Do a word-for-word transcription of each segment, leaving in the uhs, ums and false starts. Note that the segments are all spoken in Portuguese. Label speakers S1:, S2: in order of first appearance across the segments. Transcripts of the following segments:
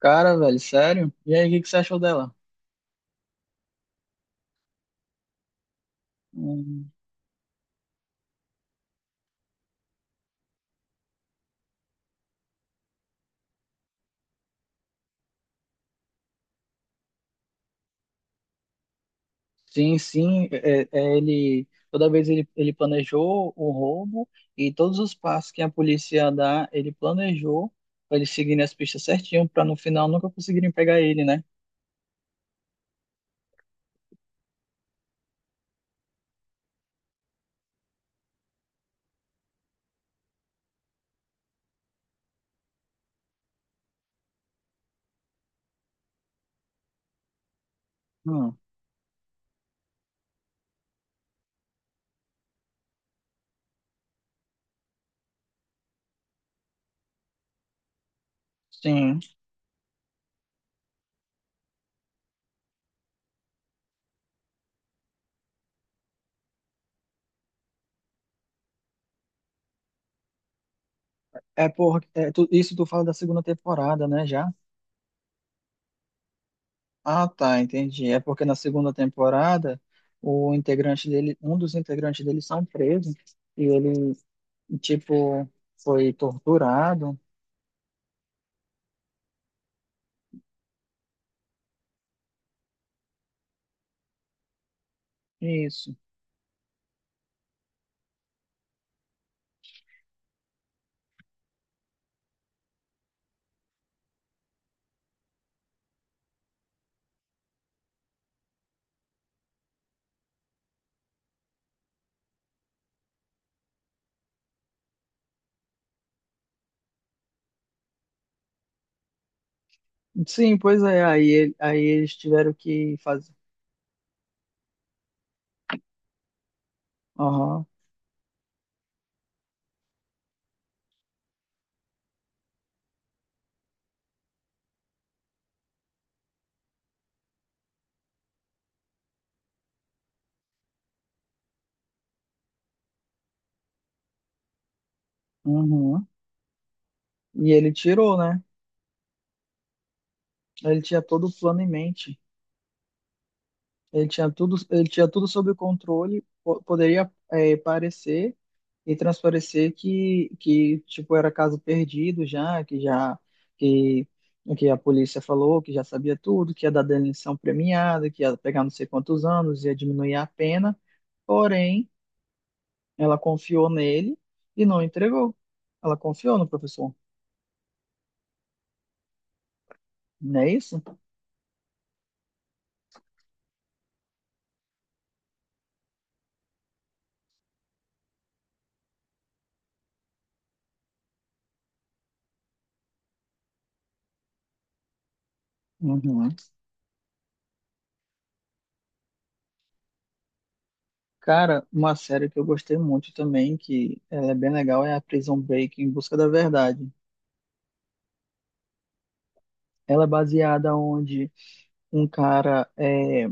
S1: Cara, velho, sério? E aí, o que que você achou dela? Hum, sim, sim, é, é, ele toda vez ele, ele planejou o roubo e todos os passos que a polícia dá, ele planejou para eles seguirem as pistas certinho para no final nunca conseguirem pegar ele, né? Hum, sim. É por, é, tu- isso tu fala da segunda temporada, né, já? Ah, tá, entendi. É porque na segunda temporada, o integrante dele, um dos integrantes dele são presos e ele, tipo, foi torturado. Isso. Sim, pois é. Aí, ele- aí eles tiveram que fazer. Aham, uhum. E ele tirou, né? Ele tinha todo o plano em mente. Ele tinha tudo, ele tinha tudo sob controle. po- Poderia, eh, parecer e transparecer que, que tipo era caso perdido já, que já que, que a polícia falou que já sabia tudo, que ia dar delação premiada, que ia pegar não sei quantos anos, ia diminuir a pena. Porém, ela confiou nele e não entregou. Ela confiou no professor. Não é isso? Uhum. Cara, uma série que eu gostei muito também, que ela é bem legal, é a Prison Break, Em Busca da Verdade. Ela é baseada onde um cara é,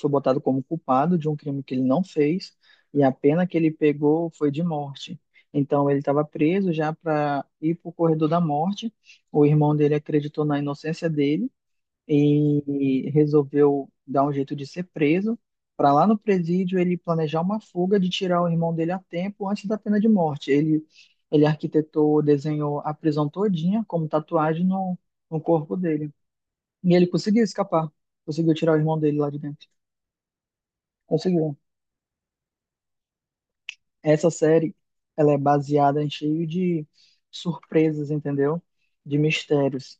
S1: foi botado como culpado de um crime que ele não fez e a pena que ele pegou foi de morte. Então ele estava preso já para ir para o corredor da morte. O irmão dele acreditou na inocência dele e resolveu dar um jeito de ser preso. Para lá no presídio ele planejar uma fuga de tirar o irmão dele a tempo antes da pena de morte. Ele ele arquitetou, desenhou a prisão todinha como tatuagem no, no corpo dele. E ele conseguiu escapar, conseguiu tirar o irmão dele lá de dentro. Conseguiu. Essa série, ela é baseada em cheio de surpresas, entendeu? De mistérios,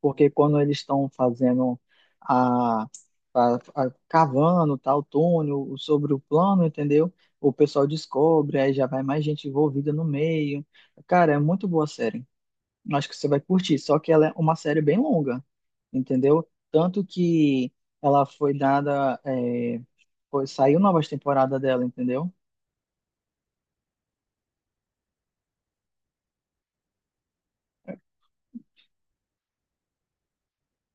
S1: porque quando eles estão fazendo a, a, a- cavando tal túnel o- sobre o plano, entendeu? O pessoal descobre, aí já vai mais gente envolvida no meio. Cara, é muito boa a série. Acho que você vai curtir, só que ela é uma série bem longa, entendeu? Tanto que ela foi dada, é, foi- saiu novas temporadas dela, entendeu?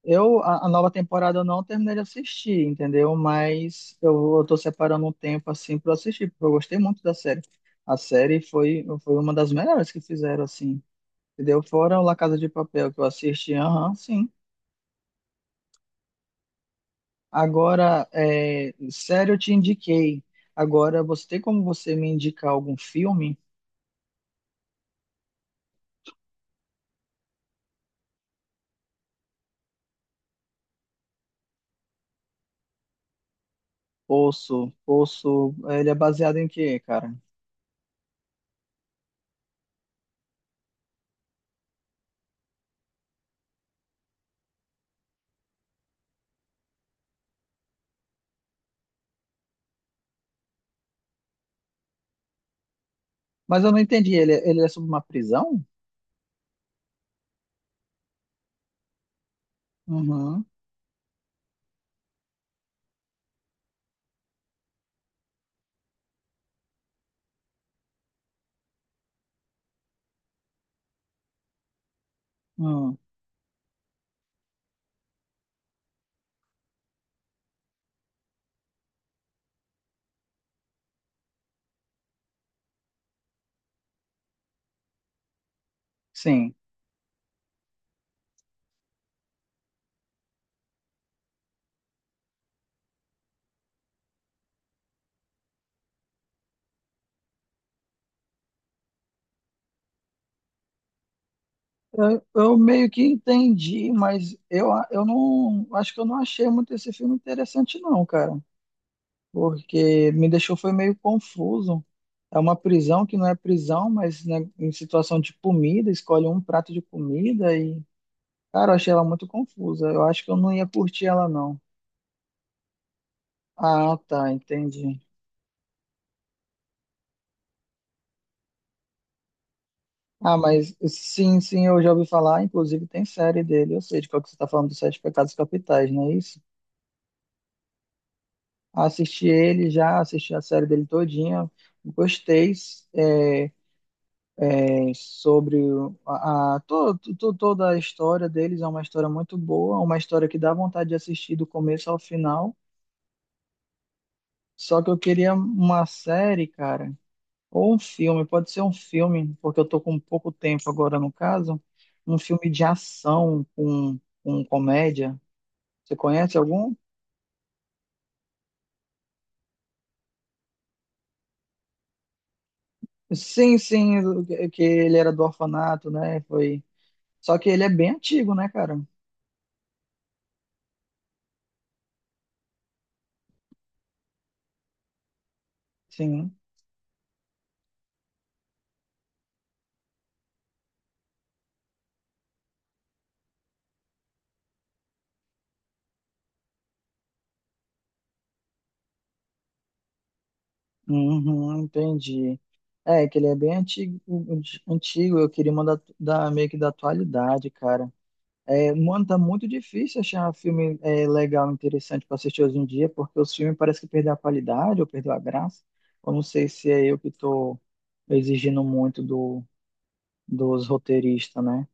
S1: Eu, a, a nova temporada eu não terminei de assistir, entendeu? Mas eu, eu tô separando um tempo assim para assistir, porque eu gostei muito da série. A série foi, foi uma das melhores que fizeram, assim, entendeu? Fora o La Casa de Papel que eu assisti, aham, sim. Agora, é, série eu te indiquei. Agora, você tem como você me indicar algum filme? Poço, Poço, ele é baseado em quê, cara? Mas eu não entendi, ele, é, ele é sobre uma prisão? Uhum, uhum, sim. Eu meio que entendi, mas eu, eu não acho que eu não achei muito esse filme interessante, não, cara. Porque me deixou foi meio confuso. É uma prisão que não é prisão, mas né, em situação de comida, escolhe um prato de comida e, cara, eu achei ela muito confusa. Eu acho que eu não ia curtir ela, não. Ah, tá, entendi. Ah, mas sim, sim, eu já ouvi falar, inclusive tem série dele, eu sei de qual que você está falando dos Sete Pecados Capitais, não é isso? Assisti ele já, assisti a série dele todinha. Gostei é, é, sobre o- a, a- to- to- toda a história deles. É uma história muito boa, uma história que dá vontade de assistir do começo ao final. Só que eu queria uma série, cara, ou um filme, pode ser um filme, porque eu tô com pouco tempo agora no caso. Um filme de ação com, com comédia. Você conhece algum? Sim, sim, que que ele era do orfanato, né? Foi. Só que ele é bem antigo, né, cara? Sim. Uhum, entendi. É, que ele é bem antigo, antigo. Eu queria mandar da, meio que da atualidade, cara. É, mano, tá muito difícil achar um filme é, legal, interessante pra assistir hoje em dia, porque os filmes parece que perderam a qualidade ou perdeu a graça. Eu não sei se é eu que tô exigindo muito do, dos roteiristas, né?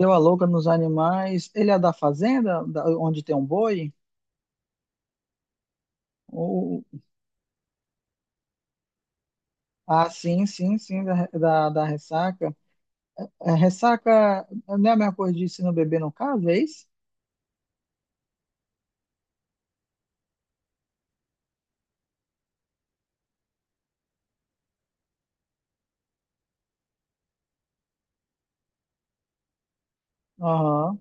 S1: Deu a louca nos animais. Ele é da fazenda, da- onde tem um boi? Ah, sim, sim, sim, da, da, da ressaca. É, ressaca não é a mesma coisa de se não beber no caso, é isso? Aham.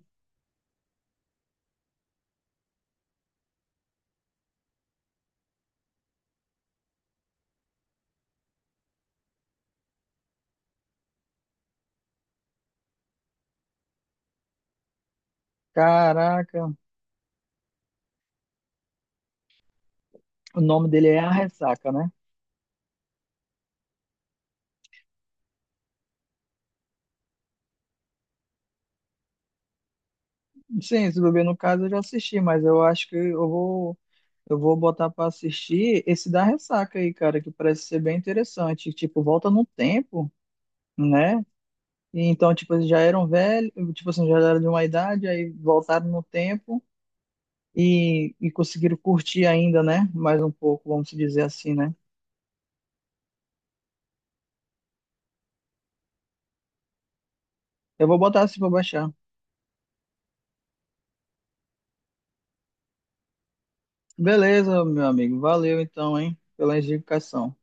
S1: Caraca, o nome dele é A Ressaca, né? Sim, se beber no caso eu já assisti, mas eu acho que eu vou, eu vou botar pra assistir esse da Ressaca aí, cara, que parece ser bem interessante. Tipo, volta no tempo, né? E então, tipo, eles já eram velhos, tipo assim, já eram de uma idade, aí voltaram no tempo. E, e conseguiram curtir ainda, né? Mais um pouco, vamos dizer assim, né? Eu vou botar assim para baixar. Beleza, meu amigo. Valeu então, hein, pela indicação.